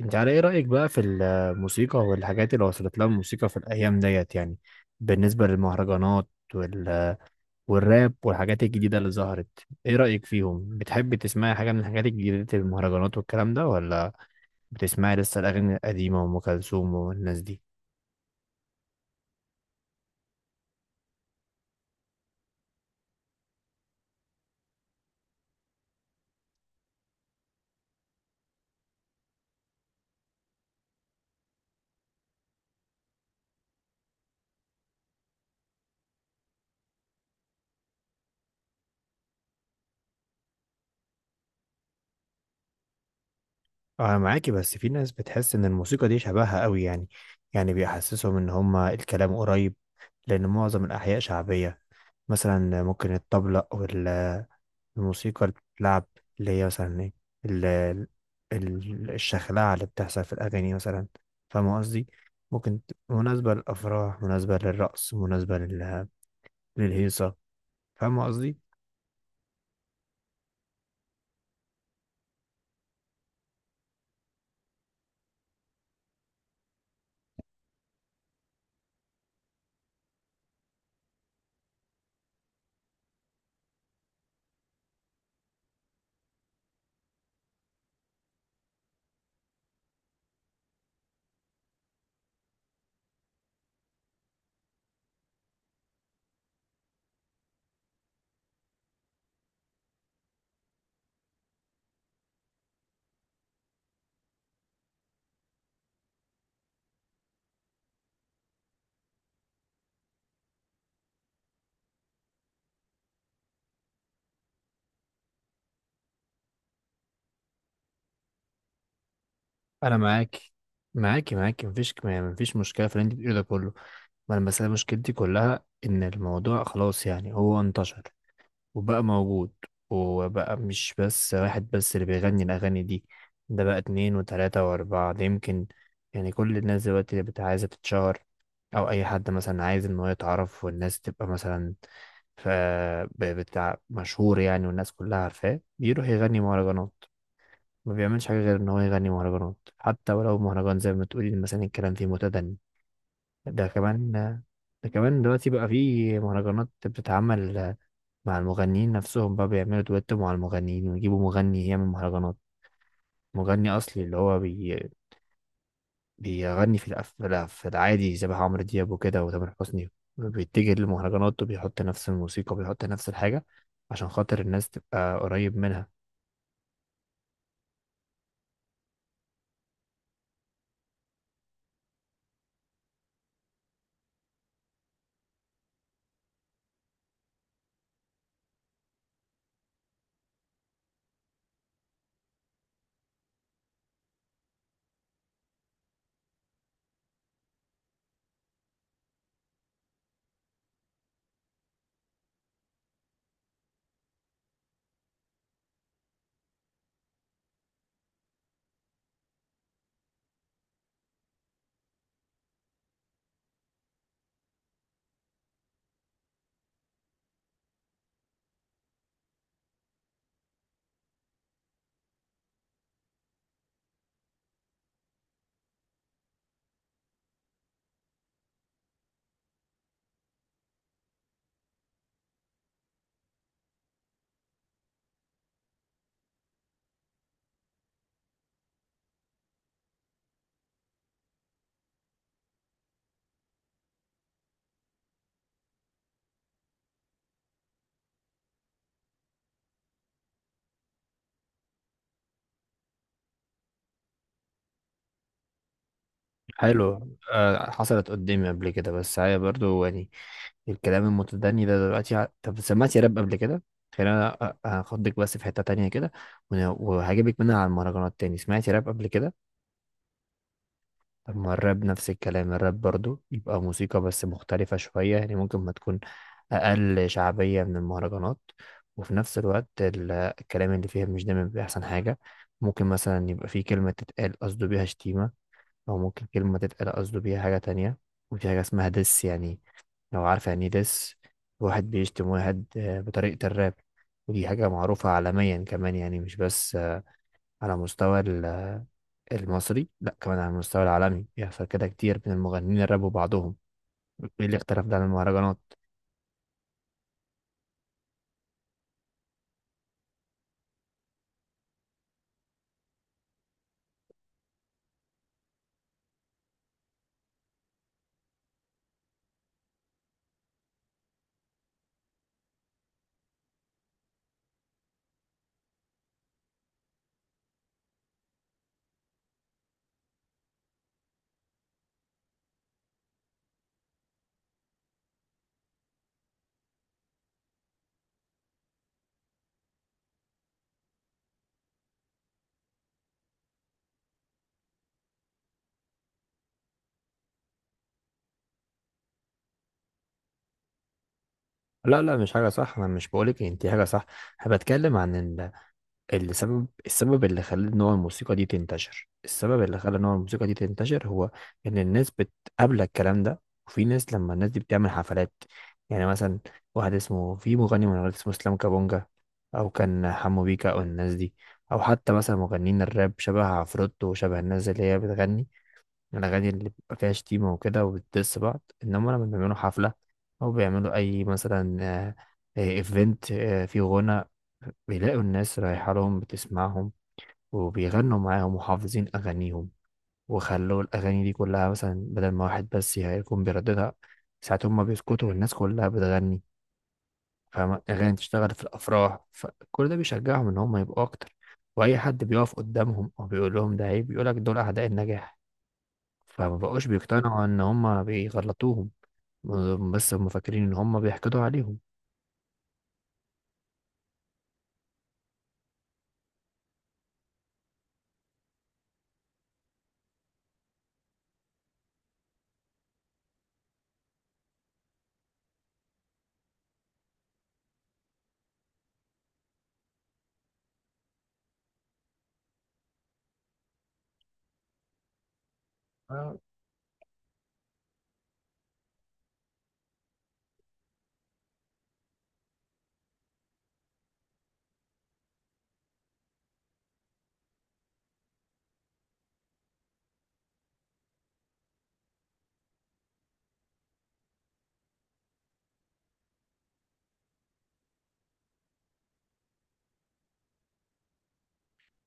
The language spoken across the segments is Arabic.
انت على ايه رأيك بقى في الموسيقى والحاجات اللي وصلت لها الموسيقى في الايام ديت بالنسبة للمهرجانات وال... والراب والحاجات الجديدة اللي ظهرت، ايه رأيك فيهم؟ بتحب تسمعي حاجة من الحاجات الجديدة المهرجانات والكلام ده، ولا بتسمعي لسه الاغاني القديمة وام كلثوم والناس دي؟ انا معاكي، بس في ناس بتحس ان الموسيقى دي شبهها قوي، يعني بيحسسهم ان هما الكلام قريب، لان معظم الاحياء شعبية. مثلا ممكن الطبلة، الموسيقى اللي بتتلعب، اللي هي مثلا ايه، ال- ال- الشخلعة اللي بتحصل في الأغاني مثلا. فاهم قصدي؟ مناسبة للأفراح، مناسبة للرقص، مناسبة للهيصة. فاهم قصدي؟ أنا معاك، معاكي معاكي، مفيش ما- مفيش مشكلة في اللي انت بتقوله ده كله. ما أنا بس أنا مشكلتي كلها إن الموضوع خلاص يعني هو انتشر وبقى موجود، وبقى مش بس واحد اللي بيغني الأغاني دي، ده بقى اتنين وتلاتة وأربعة. ده يمكن يعني كل الناس دلوقتي عايزة تتشهر، أو أي حد مثلا عايز إن هو يتعرف والناس تبقى مثلا، ف بتاع مشهور يعني والناس كلها عارفاه، بيروح يغني مهرجانات. ما بيعملش حاجة غير إن هو يغني مهرجانات، حتى ولو مهرجان زي ما تقولي مثلا الكلام فيه متدني. ده كمان، دلوقتي بقى فيه مهرجانات بتتعمل مع المغنيين نفسهم، بقى بيعملوا دويتو مع المغنيين ويجيبوا مغني يعمل مهرجانات. مغني أصلي اللي هو بيغني في في العادي، شبه عمرو دياب وكده وتامر حسني، بيتجه للمهرجانات وبيحط نفس الموسيقى وبيحط نفس الحاجة عشان خاطر الناس تبقى قريب منها. حلو. آه، حصلت قدامي قبل كده، بس هي برضو يعني الكلام المتدني ده دلوقتي طب سمعت يا راب قبل كده؟ خلينا هاخدك بس في حتة تانية كده وهجيبك منها على المهرجانات تاني. سمعت يا راب قبل كده؟ طب ما الراب نفس الكلام، الراب برضو يبقى موسيقى بس مختلفة شوية، يعني ممكن ما تكون أقل شعبية من المهرجانات، وفي نفس الوقت الكلام اللي فيها مش دايما بيبقى أحسن حاجة. ممكن مثلا يبقى في كلمة تتقال قصده بيها شتيمة، أو ممكن كلمة تتقال قصده بيها حاجة تانية. وفي حاجة اسمها دس يعني، لو عارفة يعني إيه دس، واحد بيشتم واحد آه، بطريقة الراب. ودي حاجة معروفة عالميا كمان، يعني مش بس على مستوى المصري، لا كمان على المستوى العالمي، بيحصل كده كتير من المغنيين الراب وبعضهم. ايه الاختلاف ده عن المهرجانات؟ لا لا، مش حاجة صح، انا مش بقولك ان دي حاجة صح. انا بتكلم عن السبب، السبب اللي خلى نوع الموسيقى دي تنتشر السبب اللي خلى نوع الموسيقى دي تنتشر هو ان الناس بتقابلك الكلام ده. وفي ناس لما الناس دي بتعمل حفلات، يعني مثلا واحد اسمه، في مغني من الولايات اسمه اسلام كابونجا، او كان حمو بيكا او الناس دي، او حتى مثلا مغنيين الراب شبه عفروتو وشبه الناس اللي هي بتغني الاغاني اللي بيبقى فيها شتيمه وكده وبتدس بعض، انما لما بيعملوا حفله او بيعملوا اي مثلا ايفنت فيه غنى، بيلاقوا الناس رايحه لهم بتسمعهم وبيغنوا معاهم وحافظين اغانيهم. وخلوا الاغاني دي كلها، مثلا بدل ما واحد بس يكون بيرددها، ساعات هما بيسكتوا والناس كلها بتغني. فاهم؟ أغاني تشتغل في الأفراح، فكل ده بيشجعهم إن هم يبقوا أكتر. وأي حد بيقف قدامهم أو بيقول لهم ده عيب، بيقولك دول أعداء النجاح، فما بقوش بيقتنعوا إن هم بيغلطوهم، بس هم فاكرين إن هم بيحقدوا عليهم.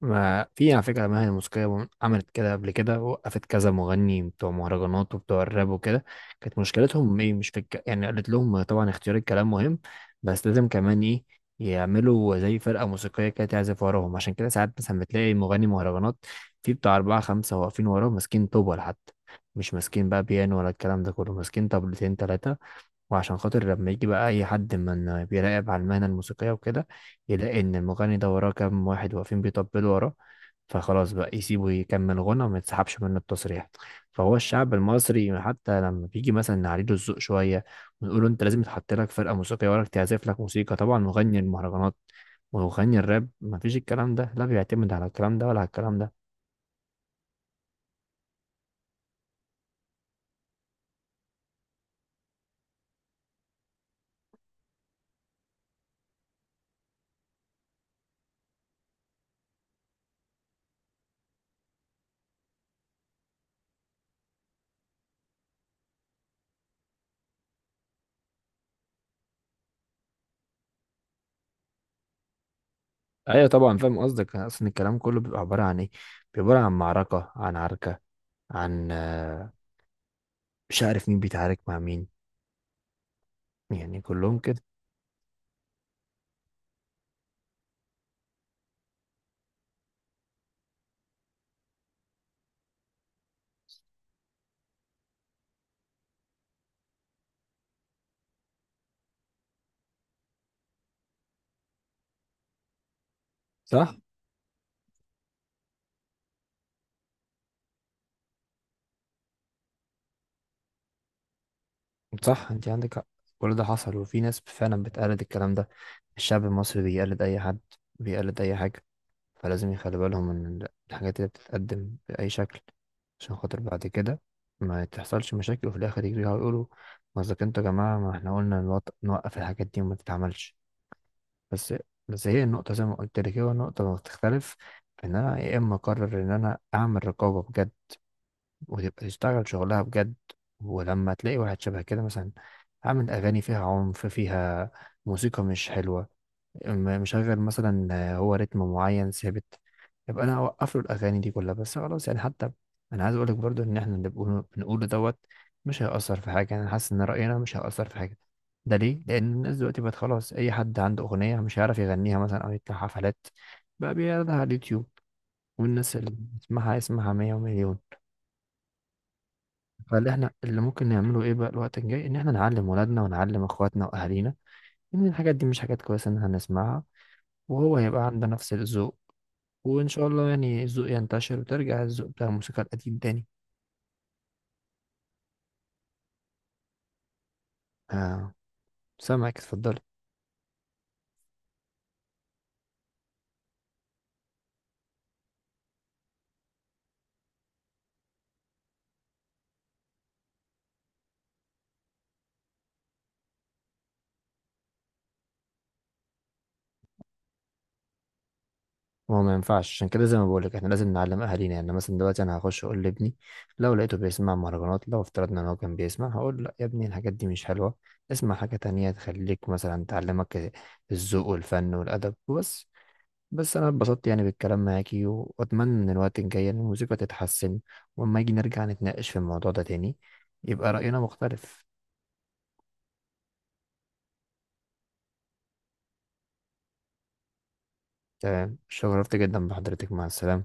ما في على فكرة مهنة موسيقية عملت كده قبل كده، وقفت كذا مغني بتوع مهرجانات وبتوع الراب وكده. كانت مشكلتهم ايه؟ مش في يعني قالت لهم طبعا اختيار الكلام مهم، بس لازم كمان ايه، يعملوا زي فرقة موسيقية كده تعزف وراهم. عشان كده ساعات مثلا بتلاقي مغني مهرجانات في بتاع أربعة خمسة واقفين وراه ماسكين طوبة حتى، مش ماسكين بقى بيانو ولا الكلام ده كله، ماسكين طبلتين تلاتة. وعشان خاطر لما يجي بقى اي حد من بيراقب على المهنة الموسيقية وكده، يلاقي ان المغني ده وراه كام واحد واقفين بيطبلوا وراه، فخلاص بقى يسيبه يكمل غنى وما يتسحبش منه التصريح. فهو الشعب المصري، حتى لما بيجي مثلا نعليله الذوق شوية ونقول له انت لازم يتحط لك فرقة موسيقية وراك تعزف لك موسيقى، طبعا مغني المهرجانات ومغني الراب ما فيش الكلام ده، لا بيعتمد على الكلام ده ولا على الكلام ده. ايوه طبعا فاهم قصدك. اصلا الكلام كله بيبقى عبارة عن ايه؟ بيبقى عبارة عن معركة، عن عركة، عن مش عارف مين بيتعارك مع مين، يعني كلهم كده. صح، صح انت عندك حق. كل ده حصل وفي ناس فعلا بتقلد الكلام ده. الشعب المصري بيقلد اي حد، بيقلد اي حاجة، فلازم يخلي بالهم من الحاجات اللي بتتقدم بأي شكل، عشان خاطر بعد كده ما تحصلش مشاكل وفي الاخر يجروا يقولوا ما اذا كنتوا يا جماعة، ما احنا قلنا نوقف الحاجات دي وما تتعملش. بس بس هي النقطة زي ما قلت لك، هي النقطة اللي بتختلف في ان انا يا اما اقرر ان انا اعمل رقابة بجد وتبقى تشتغل شغلها بجد، ولما تلاقي واحد شبه كده مثلا عامل أغاني فيها عنف، فيها موسيقى مش حلوة، مشغل مثلا آه، هو رتم معين ثابت، يبقى أنا أوقف له الأغاني دي كلها، بس خلاص يعني. حتى أنا عايز أقولك برضو إن إحنا اللي بنقوله بنقوله دوت، مش هيأثر في حاجة، أنا حاسس إن رأينا مش هيأثر في حاجة. ده ليه؟ لأن الناس دلوقتي بقت خلاص، أي حد عنده أغنية مش هيعرف يغنيها مثلا أو يطلع حفلات، بقى بيعرضها على اليوتيوب، والناس اللي يسمعها يسمعها مية ومليون. فاللي احنا اللي ممكن نعمله ايه بقى الوقت الجاي، ان احنا نعلم ولادنا ونعلم اخواتنا واهالينا ان الحاجات دي مش حاجات كويسه ان احنا نسمعها، وهو هيبقى عنده نفس الذوق، وان شاء الله يعني الذوق ينتشر وترجع الذوق بتاع الموسيقى القديم تاني. آه، سامعك اتفضلي. ما هو ما ينفعش، عشان كده زي ما بقولك احنا لازم نعلم اهالينا. يعني مثلا دلوقتي انا هخش اقول لابني لو لقيته بيسمع مهرجانات، لو افترضنا ان هو كان بيسمع، هقول لا يا ابني الحاجات دي مش حلوه، اسمع حاجه تانية تخليك مثلا، تعلمك الذوق والفن والادب وبس. بس انا اتبسطت يعني بالكلام معاكي، واتمنى ان الوقت الجاي إن الموسيقى تتحسن، واما يجي نرجع نتناقش في الموضوع ده تاني يبقى رأينا مختلف. تمام، شرفت جدا بحضرتك، مع السلامة.